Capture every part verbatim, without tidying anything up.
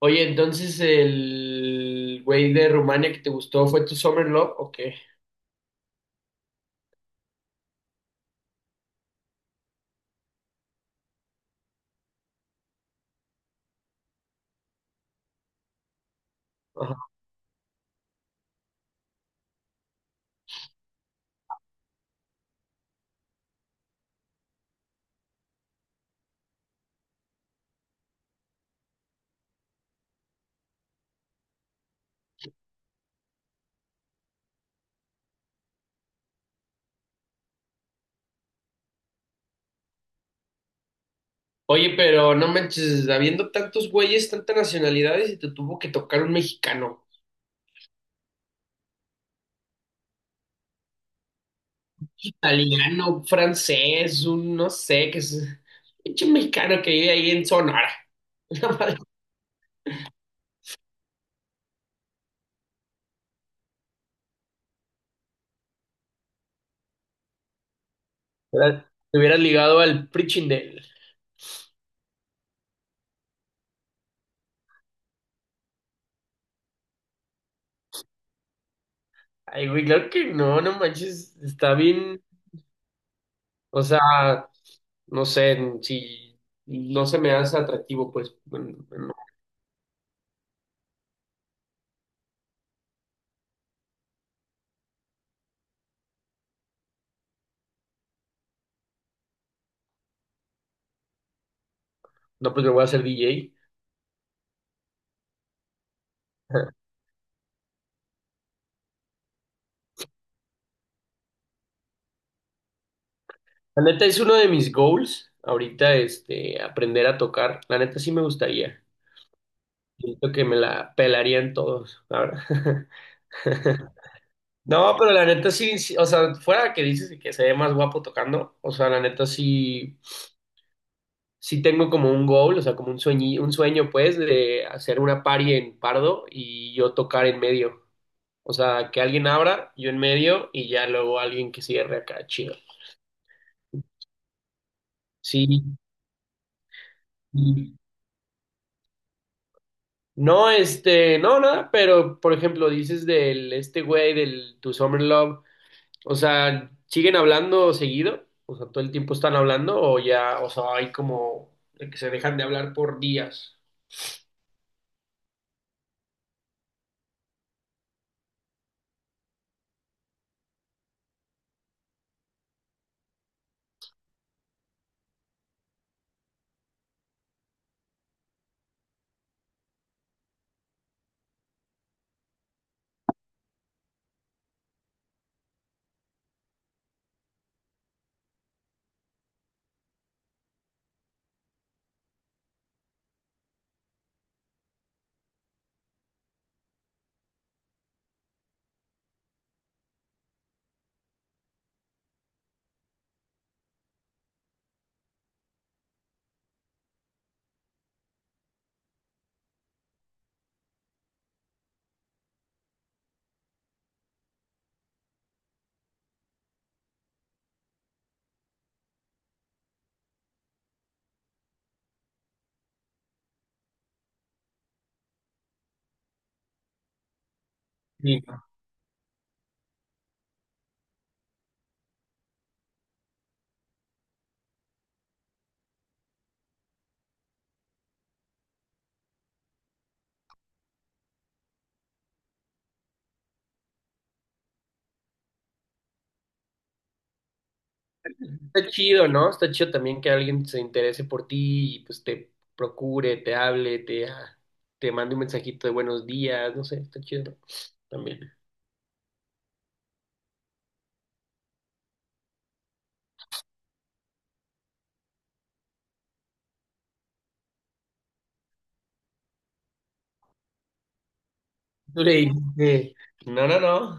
Oye, entonces el güey de Rumania que te gustó fue tu Summer Love, ¿o qué? Ajá. Oye, pero no manches, habiendo tantos güeyes, tantas nacionalidades, y te tuvo que tocar un mexicano, italiano, un francés, un no sé, que es pinche mexicano que vive ahí en Sonora. ¿Verdad? Te hubieras ligado al Prichindel. Ay, güey, claro que no, no manches, está bien, o sea, no sé, si no se me hace atractivo, pues, bueno, no, no, pues me voy a hacer D J. La neta es uno de mis goals ahorita, este, aprender a tocar. La neta sí me gustaría. Siento que me la pelarían todos, la verdad. No, pero la neta sí, sí, o sea, fuera que dices que se ve más guapo tocando, o sea, la neta sí, sí tengo como un goal, o sea, como un sueño, un sueño pues de hacer una party en Pardo y yo tocar en medio. O sea, que alguien abra, yo en medio y ya luego alguien que cierre acá, chido. Sí. No, este, no, nada, pero por ejemplo, dices del este güey, del Tu Summer Love, o sea, ¿siguen hablando seguido? O sea, ¿todo el tiempo están hablando o ya, o sea, hay como de que se dejan de hablar por días? Sí. Está chido, ¿no? Está chido también que alguien se interese por ti y pues te procure, te hable, te, ah, te mande un mensajito de buenos días, no sé, está chido, ¿no? También. Tú le dices, eh, no, no, no.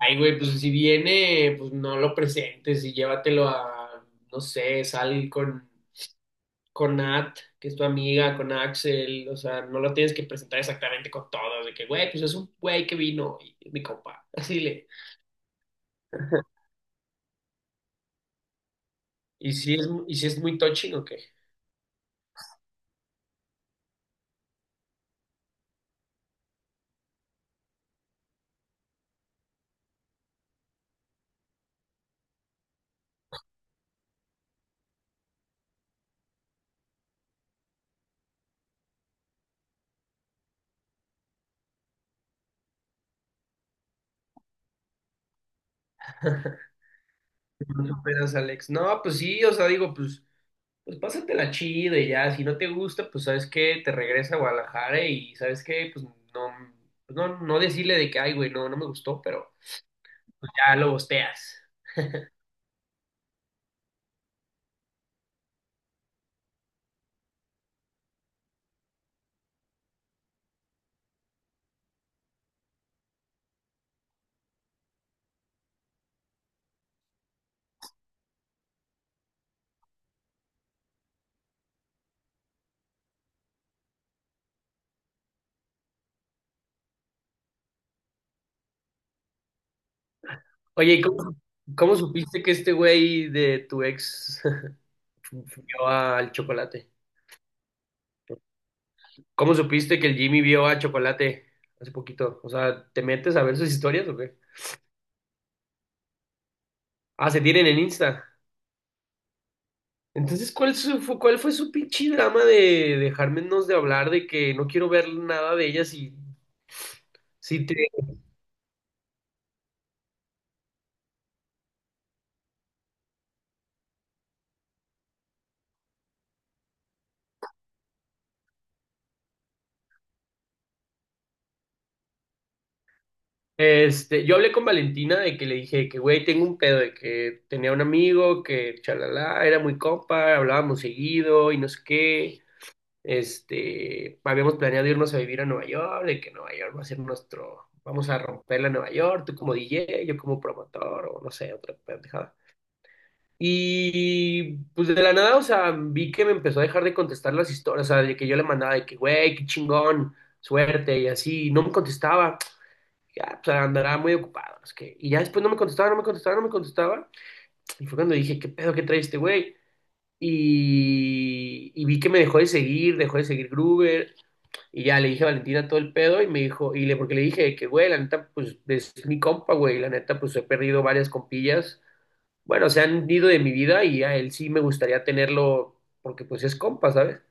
Ay, güey, pues si viene, pues no lo presentes y llévatelo a, no sé, sal con, con Nat, que es tu amiga, con Axel, o sea, no lo tienes que presentar exactamente con todos, de que, güey, pues es un güey que vino y es mi compa, así le. Y si es, y si es muy touching, ok. No superas, Alex. No, pues sí, o sea, digo, pues, pues pásatela chido y ya, si no te gusta, pues sabes que te regresa a Guadalajara y sabes que, pues no, pues, no, no decirle de que, ay, güey, no, no me gustó, pero pues, ya lo bosteas. Oye, ¿y cómo, cómo supiste que este güey de tu ex vio al Chocolate? ¿Cómo supiste que el Jimmy vio a Chocolate hace poquito? O sea, ¿te metes a ver sus historias o qué? Ah, se tienen en Insta. Entonces, ¿cuál, su- fue, cuál fue su pinche drama de dejarnos de hablar, de que no quiero ver nada de ellas y si te... Este, yo hablé con Valentina de que le dije que, güey, tengo un pedo, de que tenía un amigo que, chalala, era muy compa, hablábamos seguido y no sé qué. Este, habíamos planeado irnos a vivir a Nueva York, de que Nueva York va a ser nuestro, vamos a romperla a Nueva York, tú como D J, yo como promotor, o no sé, otra pendejada. Y pues de la nada, o sea, vi que me empezó a dejar de contestar las historias, o sea, de que yo le mandaba de que, güey, qué chingón, suerte, y así, y no me contestaba. Ya, pues andaba muy ocupado, es que, y ya después no me contestaba, no me contestaba, no me contestaba. Y fue cuando dije, ¿qué pedo que trae este güey? Y, y vi que me dejó de seguir, dejó de seguir Gruber, y ya le dije a Valentina todo el pedo, y me dijo, y le, porque le dije que, güey, la neta, pues es mi compa, güey, la neta, pues he perdido varias compillas, bueno, se han ido de mi vida y a él sí me gustaría tenerlo porque pues es compa, ¿sabes?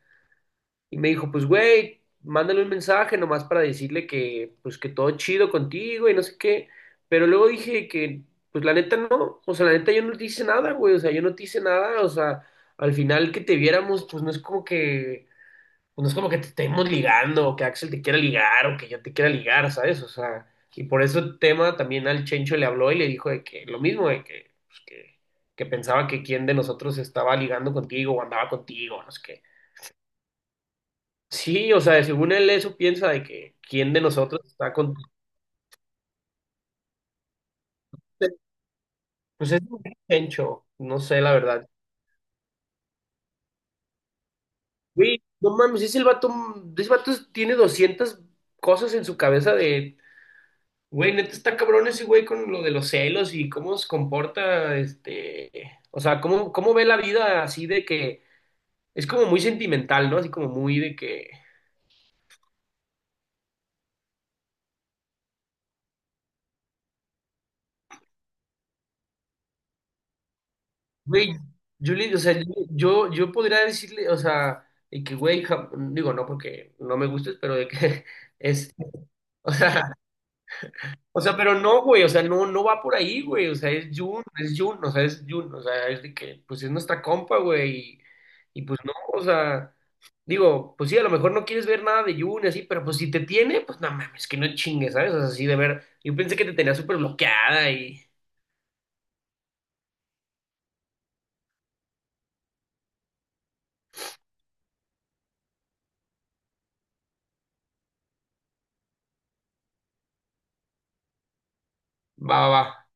Y me dijo, pues güey, mándale un mensaje nomás para decirle que pues que todo chido contigo y no sé qué. Pero luego dije que pues la neta no, o sea, la neta yo no te hice nada, güey, o sea, yo no te hice nada, o sea, al final que te viéramos pues no es como que pues, no es como que te estemos ligando, o que Axel te quiera ligar, o que yo te quiera ligar, ¿sabes? O sea, y por ese tema también al Chencho le habló y le dijo de que lo mismo, de que, pues, que, que pensaba que quién de nosotros estaba ligando contigo o andaba contigo, no sé qué. Sí, o sea, según él eso piensa de que quién de nosotros está contigo. Pues es un Chencho, no sé la verdad. Güey, no mames, ese el vato, ese vato tiene doscientas cosas en su cabeza de. Güey, neta está cabrón ese güey con lo de los celos y cómo se comporta, este, o sea, cómo, cómo ve la vida así de que es como muy sentimental, ¿no? Así como muy de que, güey, yo, o sea, yo, yo podría decirle, o sea, de que, güey, ja- digo, no porque no me gustes, pero de que es, o sea, o sea, pero no, güey, o sea, no, no va por ahí, güey, o sea, es Jun, es Jun, o sea, es Jun, o sea, es de que, pues es nuestra compa, güey, y, y pues no, o sea. Digo, pues sí, a lo mejor no quieres ver nada de Jun y así, pero pues si te tiene, pues no mames, que no chingues, ¿sabes? O sea, así de ver. Yo pensé que te tenía súper bloqueada y va, va, va.